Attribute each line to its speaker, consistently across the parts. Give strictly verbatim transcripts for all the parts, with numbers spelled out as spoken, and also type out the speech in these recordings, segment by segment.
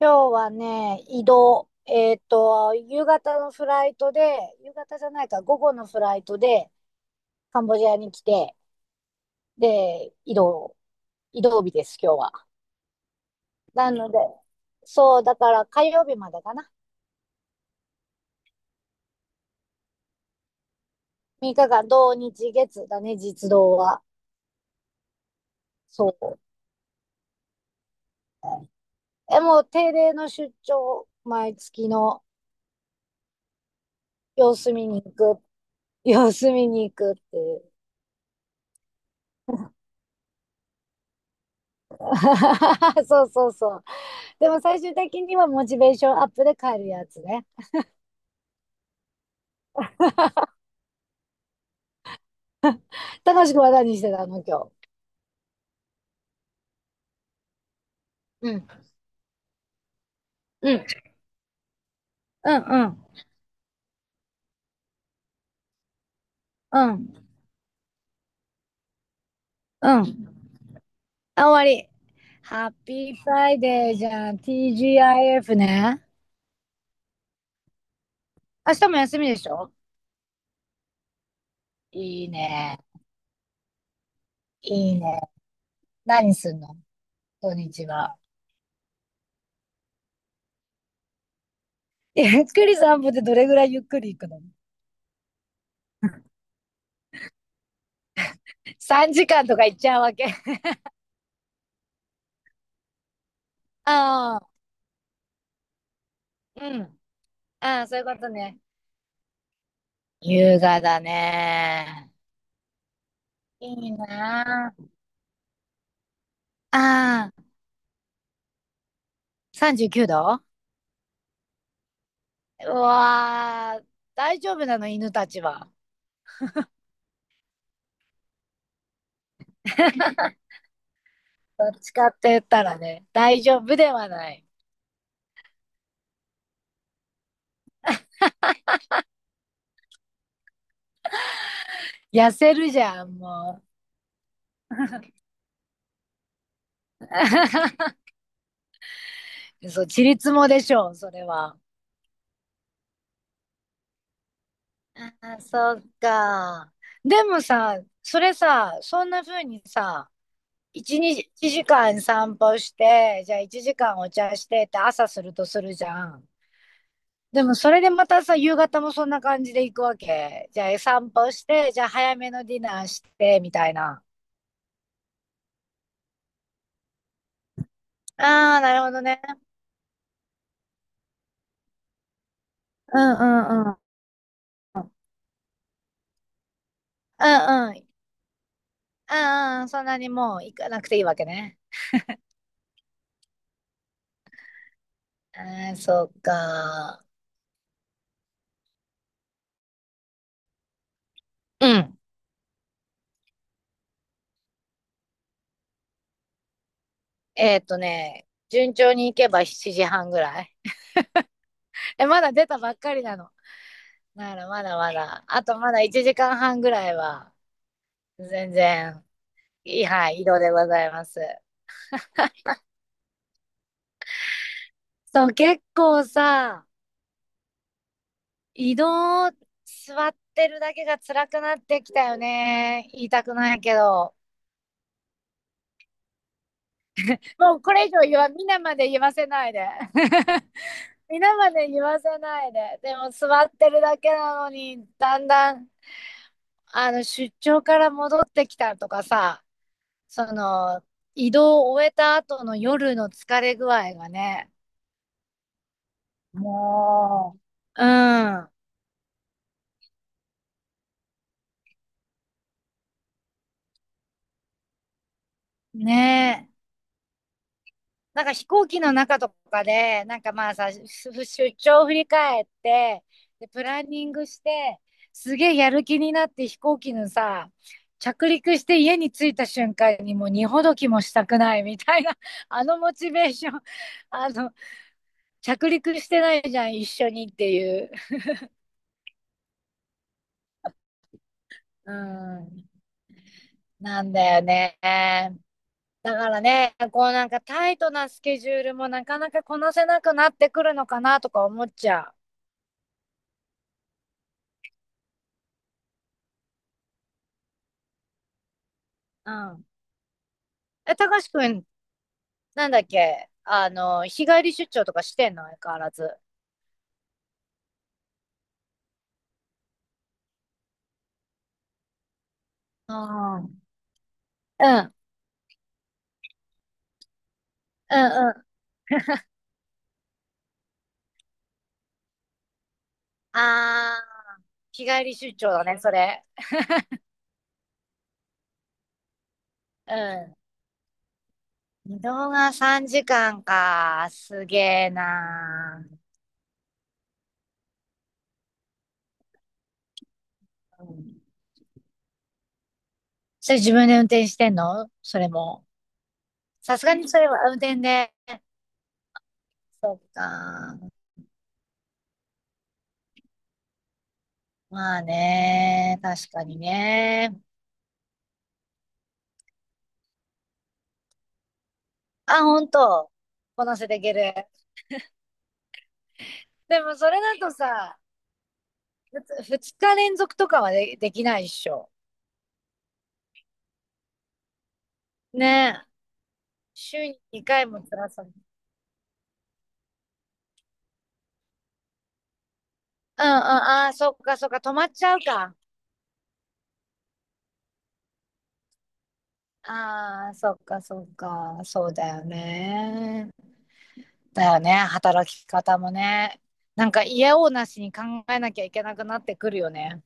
Speaker 1: 今日はね、移動。えっと、夕方のフライトで、夕方じゃないか、午後のフライトで、カンボジアに来て、で、移動、移動日です、今日は。なので、そう、だから火曜日までかな。みっかかん、土日月だね、実動は。そう。え、もう定例の出張、毎月の様子見に行く、様子見に行くっていう。そうそうそう。でも最終的にはモチベーションアップで帰るやつね。高しくは何してたの今日？うん、うん、うん、うん、うん、うん。あ、終わり。ハッピーフライデーじゃん。ティージーアイエフ ね。明日も休みでしょ？いいね。いいね。何すんの土日は？ゆっくり散歩ってどれぐらいゆっくり行くの？ さんじかん 時間とか行っちゃうわけ？ああ、うん。ああ、そういうことね。優雅だね。いいなあ。ああ、さんじゅうきゅうど。うわー、大丈夫なの、犬たちは？どっちかって言ったらね、大丈夫ではない。痩せるじゃん、もう。そう、ちりつもでしょう、それは。ああ、そっか。でもさ、それさ、そんな風にさ、いち、に、 いちじかん散歩して、じゃあいちじかんお茶してって朝するとするじゃん。でもそれでまたさ、夕方もそんな感じで行くわけ？じゃあ散歩して、じゃあ早めのディナーして、みたいな。ああ、なるほどね。うんうんうん。うんうん。うんうん。そんなにもう行かなくていいわけね。ああ、そうか。うん。えーっとね、順調に行けばしちじはんぐらい。え、まだ出たばっかりなの？ならまだまだ。あとまだいちじかんはんぐらいは、全然、いい、はい、移動でございます。そう、結構さ、移動、座ってるだけが辛くなってきたよね。言いたくないけど。もうこれ以上言わ、皆まで言わせないで 皆まで言わせないで。でも座ってるだけなのに、だんだん、あの、出張から戻ってきたとかさ、その、移動を終えた後の夜の疲れ具合がね、もう、うん、ねえ。なんか飛行機の中とかで、なんかまあさ、出張を振り返って、で、プランニングして、すげえやる気になって飛行機のさ、着陸して家に着いた瞬間にもう荷ほどきもしたくないみたいな、あのモチベーション、あの、着陸してないじゃん、一緒にっていう。うん、なんだよね。だからね、こうなんかタイトなスケジュールもなかなかこなせなくなってくるのかなとか思っちゃう。うん。え、たかしくん、なんだっけあの、日帰り出張とかしてんの相変わらず？ああ、うん、うん、うん。あー、日帰り出張だね、それ。うん。移動がさんじかんかんか。すげえなー。うん。それ自分で運転してんのそれも？さすがにそれは運転で。そっか。まあね、確かにね。あ、ほんと？こなせていける。でもそれだとさ、ふつ二日連続とかはで、できないっしょ？ねえ。週ににかいも辛さ。うんうん。ああ、そっかそっか。止まっちゃうか。ああ、そっかそっか。そうだよね。だよね。働き方もね。なんか嫌おうなしに考えなきゃいけなくなってくるよね。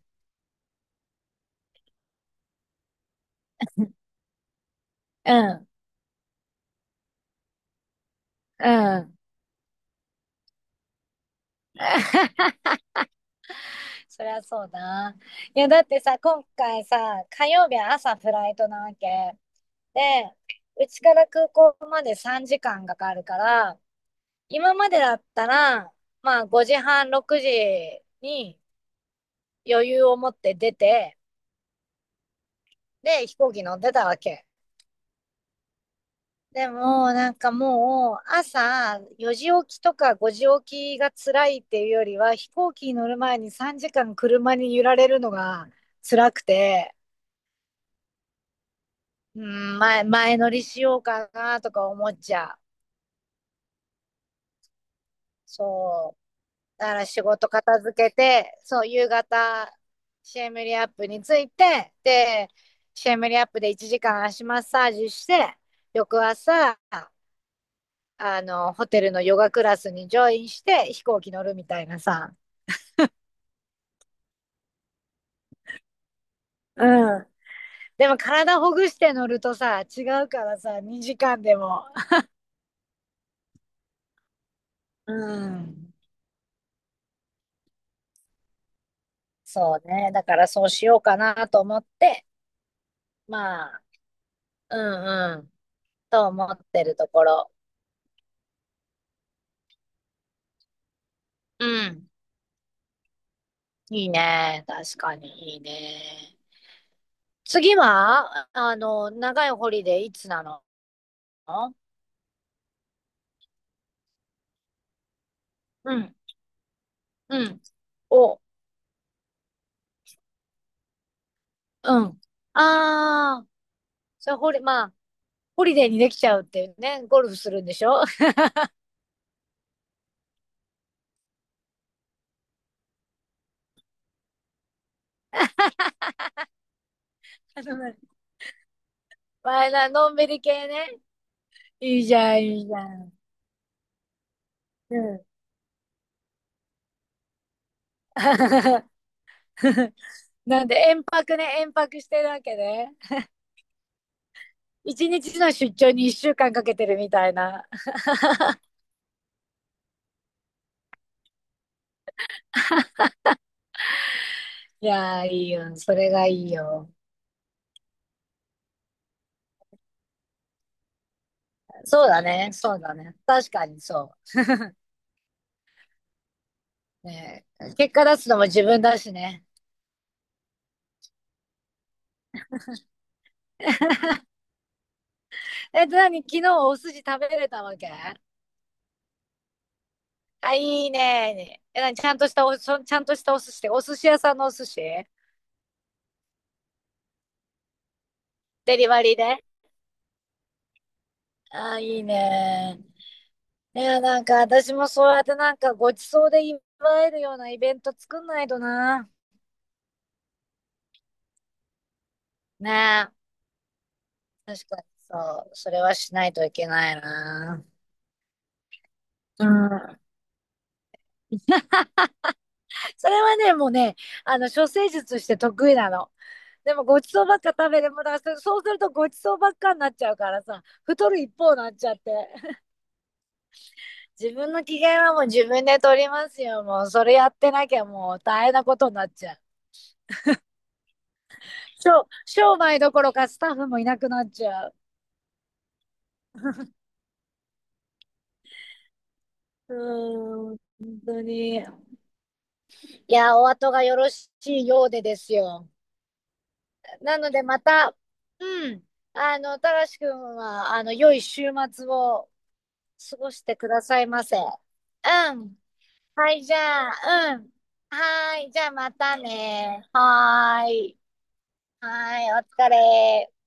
Speaker 1: うん。うん。そりゃそうだ。いや、だってさ、今回さ、火曜日は朝フライトなわけ。で、うちから空港までさんじかんかんかかるから、今までだったら、まあごじはん、ろくじに余裕を持って出て、で、飛行機乗ってたわけ。でも、なんかもう、朝よじ起きとかごじ起きが辛いっていうよりは、飛行機に乗る前にさんじかん車に揺られるのが辛くて、うん、前、前乗りしようかなとか思っちゃう。そう。だから仕事片付けて、そう、夕方、シェムリアップについて、で、シェムリアップでいちじかん足マッサージして、翌朝、あの、ホテルのヨガクラスにジョインして飛行機乗るみたいなさ。うん。でも体ほぐして乗るとさ、違うからさ、にじかんでも。うん。そうね。だからそうしようかなと思って、まあ、うんうん、と思ってるところ。うん。いいね。確かにいいね。次は、あの、長いホリデーいつなの？うん、うん。お、うん。ああ、それホリ、まあ、ホリデーにできちゃうっていうね。ゴルフするんでしょ？ あの、前な、のんびり系ね。いいじゃん、いいじゃん。うん。なんで、遠泊ね、遠泊してるわけね。一日の出張に一週間かけてるみたいな。いやー、いいよ。それがいいよ。そうだね、そうだね。確かにそう。ね、結果出すのも自分だしね。え、何、昨日お寿司食べれたわけ？あ、いいね。え、何、ちゃんとしたお、そちゃんとしたお寿司ってお寿司屋さんのお寿司デリバリーで？あ、いいね。いや、なんか私もそうやってなんかごちそうで祝えるようなイベント作んないとな。ねえ、確かにそう。それはしないといけないな。うん。それはね、もうね、あの、処世術して得意なの。でもごちそうばっか食べてもだからそそうするとごちそうばっかになっちゃうからさ、太る一方になっちゃって 自分の機嫌はもう自分で取りますよ。もうそれやってなきゃもう大変なことになっちゃう。商商売どころかスタッフもいなくなっちゃう うーん、本当に。いやお後がよろしいようでですよ。なのでまた、うん、あのたらしくんはあの良い週末を過ごしてくださいませ。うん。はい、じゃあ、うん。はーい、じゃあまたね。はーい。はーい、お疲れ。